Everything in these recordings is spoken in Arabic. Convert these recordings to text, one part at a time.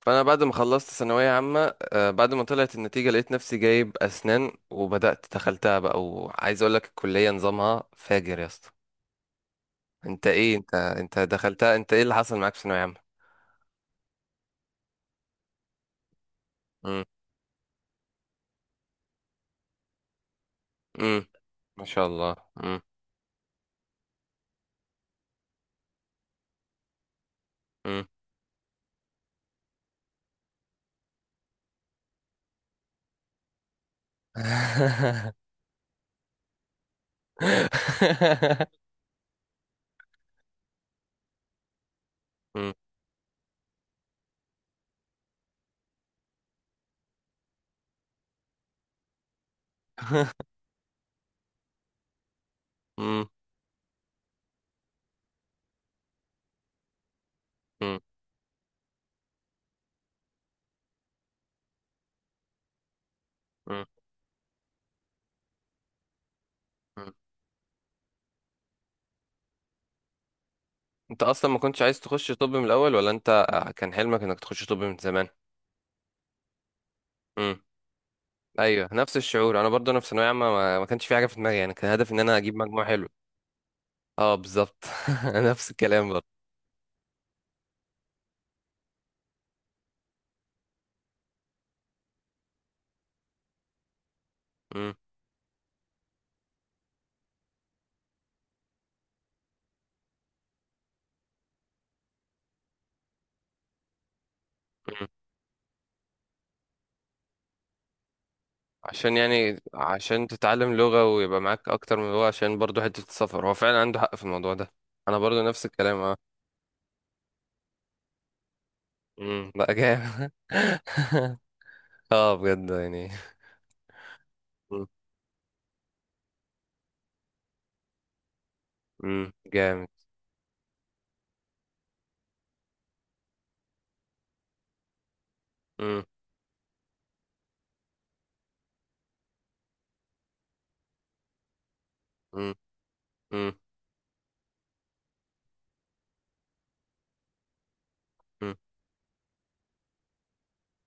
فانا بعد ما خلصت ثانويه عامه بعد ما طلعت النتيجه لقيت نفسي جايب اسنان وبدات دخلتها بقى، وعايز اقول لك الكليه نظامها فاجر يا اسطى. انت دخلتها؟ انت ايه اللي حصل معاك في ثانويه عامه؟ امم. امم. ما شاء الله. امم. امم. امم. امم. امم. امم. انت اصلا ما كنتش عايز تخش طب من الاول، ولا انت كان حلمك انك تخش طب من زمان؟ ايوه، نفس الشعور. انا برضو انا في ثانويه عامه ما كانش في حاجه في دماغي، يعني كان هدفي ان انا اجيب مجموع حلو. اه بالظبط. نفس الكلام برضو. مم. مم. عشان يعني عشان تتعلم لغه ويبقى معاك اكتر من لغه، عشان برضو حته السفر، هو فعلا عنده حق في الموضوع ده. انا برضو نفس الكلام اه. امم، بقى جامد. اه بجد يعني. مم. مم. جامد. مم. مم. مم.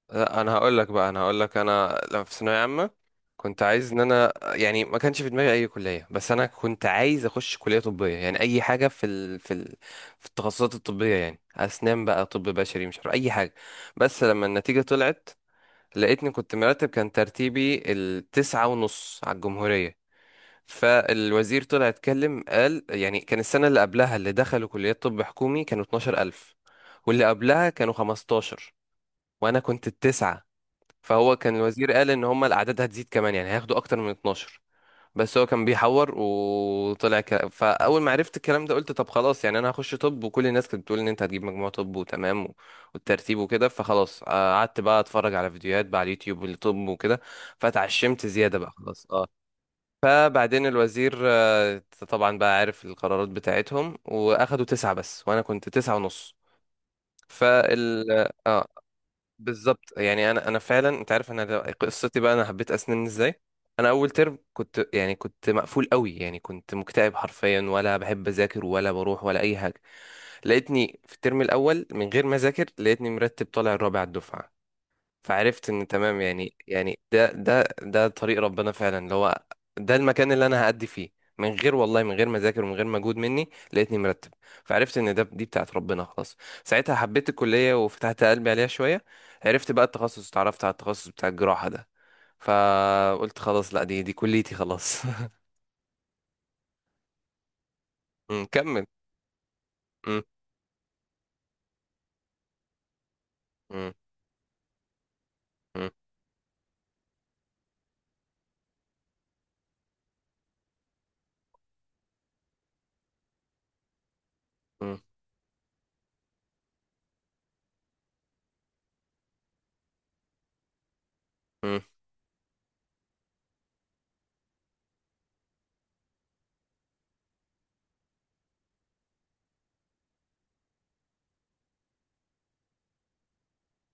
لا، انا هقول لك انا لما في ثانويه عامه كنت عايز ان انا، يعني ما كانش في دماغي اي كليه، بس انا كنت عايز اخش كليه طبيه، يعني اي حاجه في التخصصات الطبيه، يعني اسنان بقى، طب بشري، مش عارف اي حاجه. بس لما النتيجه طلعت لقيتني كنت مرتب، كان ترتيبي التسعة ونص على الجمهوريه. فالوزير طلع اتكلم قال، يعني كان السنه اللي قبلها اللي دخلوا كليات طب حكومي كانوا 12,000، واللي قبلها كانوا 15، وانا كنت التسعة. فهو كان الوزير قال ان هم الاعداد هتزيد كمان، يعني هياخدوا اكتر من 12. بس هو كان بيحور وطلع فاول ما عرفت الكلام ده قلت طب خلاص، يعني انا هخش طب، وكل الناس كانت بتقول ان انت هتجيب مجموع طب وتمام والترتيب وكده، فخلاص قعدت بقى اتفرج على فيديوهات بقى على اليوتيوب للطب وكده، فتعشمت زيادة بقى خلاص اه. فبعدين الوزير طبعا بقى عارف القرارات بتاعتهم، واخدوا تسعة بس، وانا كنت تسعة ونص. فال اه بالظبط، يعني انا فعلا انت عارف، انا قصتي بقى انا حبيت اسنان ازاي. انا اول ترم كنت، يعني كنت مقفول قوي، يعني كنت مكتئب حرفيا، ولا بحب اذاكر ولا بروح ولا اي حاجه. لقيتني في الترم الاول من غير ما اذاكر، لقيتني مرتب طالع الرابع على الدفعه. فعرفت ان تمام، يعني يعني ده طريق ربنا فعلا، اللي هو ده المكان اللي انا هأدي فيه. من غير والله، من غير ما اذاكر ومن غير مجهود مني، لقيتني مرتب. فعرفت ان ده، دي بتاعت ربنا خلاص. ساعتها حبيت الكلية وفتحت قلبي عليها شوية، عرفت بقى التخصص، اتعرفت على التخصص بتاع الجراحة ده. فقلت خلاص لا، دي كليتي خلاص. أمم، كمل. أمم. أمم. أمم. أمم. أمم.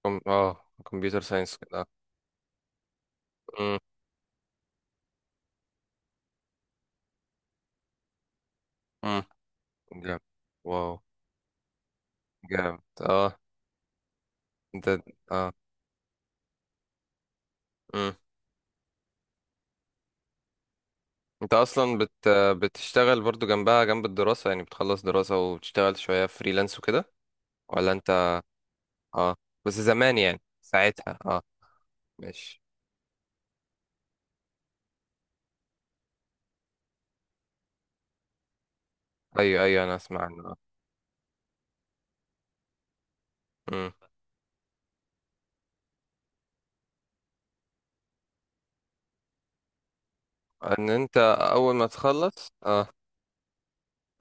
كمبيوتر ساينس كده. أمم. أمم، جامد. واو. جامد اه. ده اه، انت اصلا بتشتغل برضو جنبها، جنب الدراسة، يعني بتخلص دراسة وبتشتغل شوية فريلانس وكده، ولا انت؟ اه بس زمان يعني ساعتها اه. ماشي. ايوه ايوه، انا اسمع عنه اه. امم. ان انت اول ما تخلص اه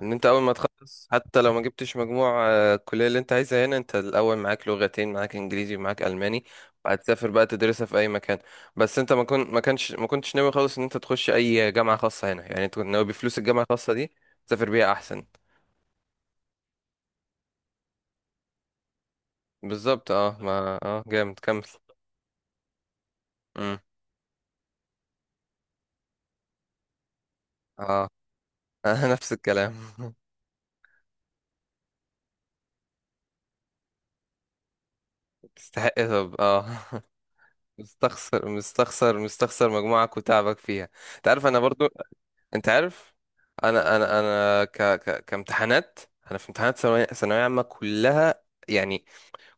ان انت اول ما تخلص حتى لو ما جبتش مجموع الكلية اللي انت عايزها هنا انت الاول، معاك لغتين، معاك انجليزي ومعاك الماني، وهتسافر بقى تدرسها في اي مكان. بس انت ما كنتش ناوي خالص ان انت تخش اي جامعة خاصة هنا، يعني انت كنت ناوي بفلوس الجامعة الخاصة دي تسافر بيها احسن. بالظبط اه، ما اه، جامد، كمل. امم اه. نفس الكلام. تستحق طب اه. مستخسر مستخسر مستخسر مجموعك وتعبك فيها. انت عارف انا برضو، انت عارف. انا كامتحانات. انا في امتحانات ثانوية عامة كلها، يعني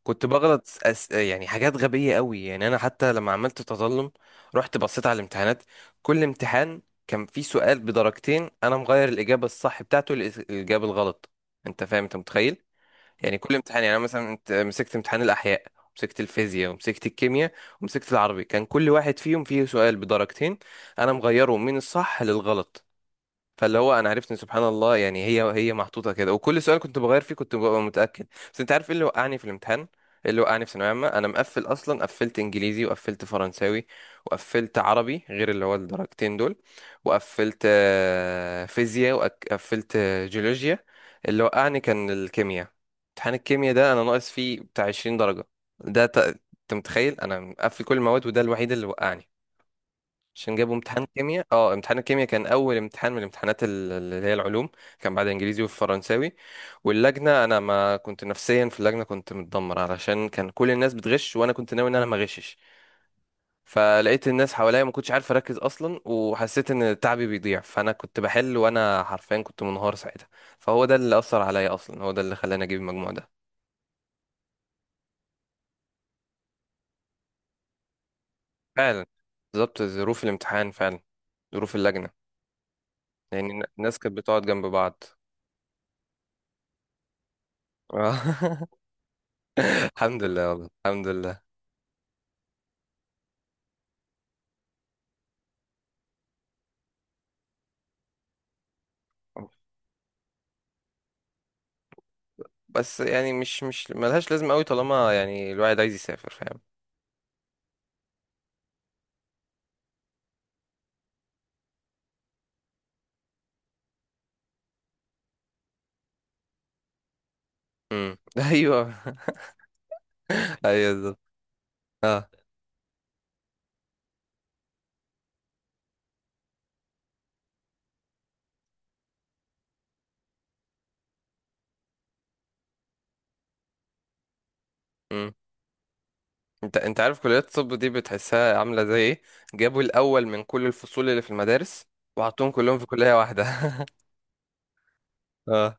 كنت بغلط يعني حاجات غبية قوي. يعني أنا حتى لما عملت تظلم رحت بصيت على الامتحانات، كل امتحان كان فيه سؤال بدرجتين أنا مغير الإجابة الصح بتاعته للإجابة الغلط. أنت فاهم؟ أنت متخيل؟ يعني كل امتحان، يعني أنا مثلا مسكت امتحان الأحياء، ومسكت الفيزياء، ومسكت الكيمياء، ومسكت العربي، كان كل واحد فيهم فيه سؤال بدرجتين أنا مغيره من الصح للغلط. فاللي هو انا عرفت ان سبحان الله، يعني هي محطوطه كده، وكل سؤال كنت بغير فيه كنت ببقى متاكد. بس انت عارف ايه اللي وقعني في الامتحان، إيه اللي وقعني في ثانويه عامه؟ انا مقفل اصلا، قفلت انجليزي وقفلت فرنساوي وقفلت عربي غير اللي هو الدرجتين دول، وقفلت فيزياء وقفلت جيولوجيا. اللي وقعني كان الكيمياء. امتحان الكيمياء ده انا ناقص فيه بتاع 20 درجه. ده انت متخيل انا مقفل كل المواد وده الوحيد اللي وقعني. عشان جابوا امتحان كيمياء، اه امتحان الكيمياء كان اول امتحان من الامتحانات اللي هي العلوم. كان بعد انجليزي والفرنساوي، واللجنه انا ما كنت نفسيا في اللجنه، كنت متدمر علشان كان كل الناس بتغش وانا كنت ناوي ان انا ما اغشش. فلقيت الناس حواليا ما كنتش عارف اركز اصلا، وحسيت ان تعبي بيضيع، فانا كنت بحل وانا حرفيا كنت منهار ساعتها. فهو ده اللي اثر عليا اصلا، هو ده اللي خلاني اجيب المجموع ده. فعلا. بالظبط، ظروف الامتحان فعلا، ظروف اللجنه، يعني الناس كانت بتقعد جنب بعض. الحمد لله، والله الحمد لله. بس يعني مش مش ملهاش لازمة قوي طالما يعني الواحد عايز يسافر، فاهم؟ امم. ايوه ايوه، بالظبط اه. امم. انت انت عارف كليات الطب دي بتحسها عاملة زي ايه؟ جابوا الاول من كل الفصول اللي في المدارس وحطوهم كلهم في كلية واحدة. اه.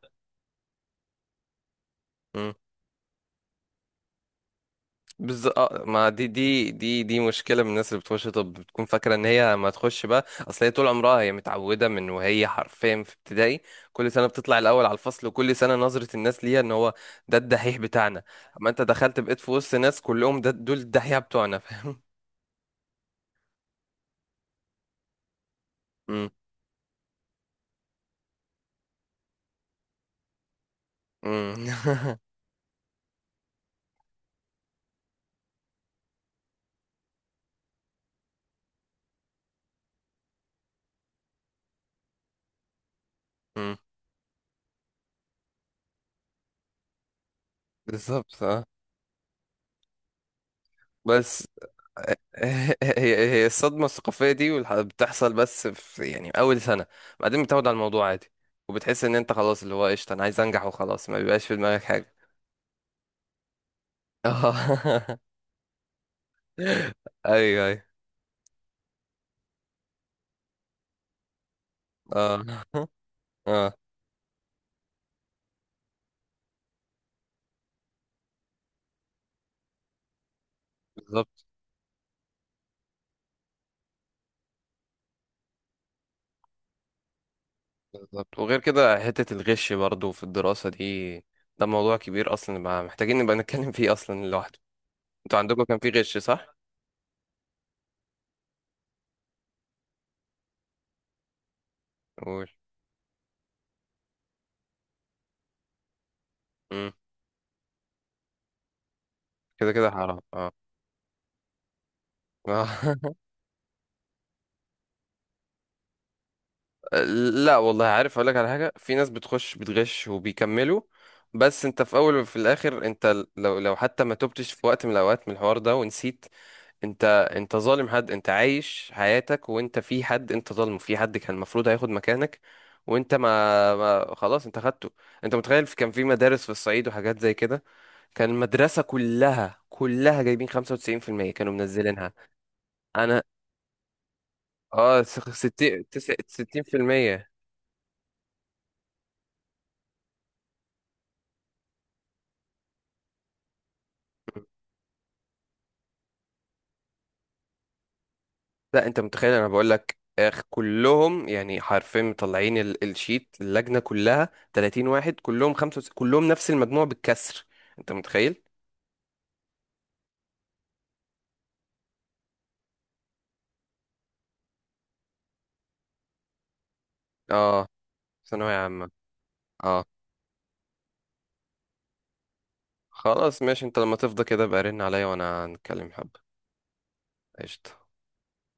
بز... آه، ما دي مشكله من الناس اللي بتخش طب، بتكون فاكره ان هي ما تخش بقى، اصل هي طول عمرها هي متعوده من وهي حرفيا في ابتدائي كل سنه بتطلع الاول على الفصل، وكل سنه نظره الناس ليها ان هو ده الدحيح بتاعنا. اما انت دخلت بقيت في وسط ناس كلهم ده دول الدحيح بتوعنا، فاهم؟ امم. امم. بالظبط اه. بس هي الصدمة الثقافية دي بتحصل بس في يعني أول سنة، بعدين بتاخد على الموضوع عادي، وبتحس إن أنت خلاص، اللي هو قشطة، أنا عايز أنجح وخلاص، ما بيبقاش في دماغك حاجة. اه. أيوه أيوه. اه. اه بالظبط. بالظبط، وغير كده حتة الغش برضو في الدراسة دي، ده موضوع كبير أصلا بقى محتاجين نبقى نتكلم فيه أصلا لوحده. أنتوا عندكم كان في غش صح؟ قول. مم. كده كده حرام اه. لا والله، عارف اقول لك على حاجه، في ناس بتخش بتغش وبيكملوا. بس انت في اول وفي الاخر انت لو حتى ما تبتش في وقت من الاوقات من الحوار ده ونسيت، انت انت ظالم حد، انت عايش حياتك وانت في حد انت ظالمه، في حد كان المفروض هياخد مكانك، وانت ما خلاص انت خدته. انت متخيل كان في مدارس في الصعيد وحاجات زي كده، كان المدرسه كلها كلها جايبين 95%، كانوا منزلينها. انا اه، 60 60%. لا انت متخيل، انا بقول لك اخ، كلهم يعني حرفيا مطلعين الشيت، اللجنه كلها 30 واحد، كلهم نفس المجموع بالكسر. انت متخيل؟ اه. ثانويه عامه. اه. خلاص ماشي، انت لما تفضى كده بقى رن عليا وانا هنتكلم حبه. قشطه.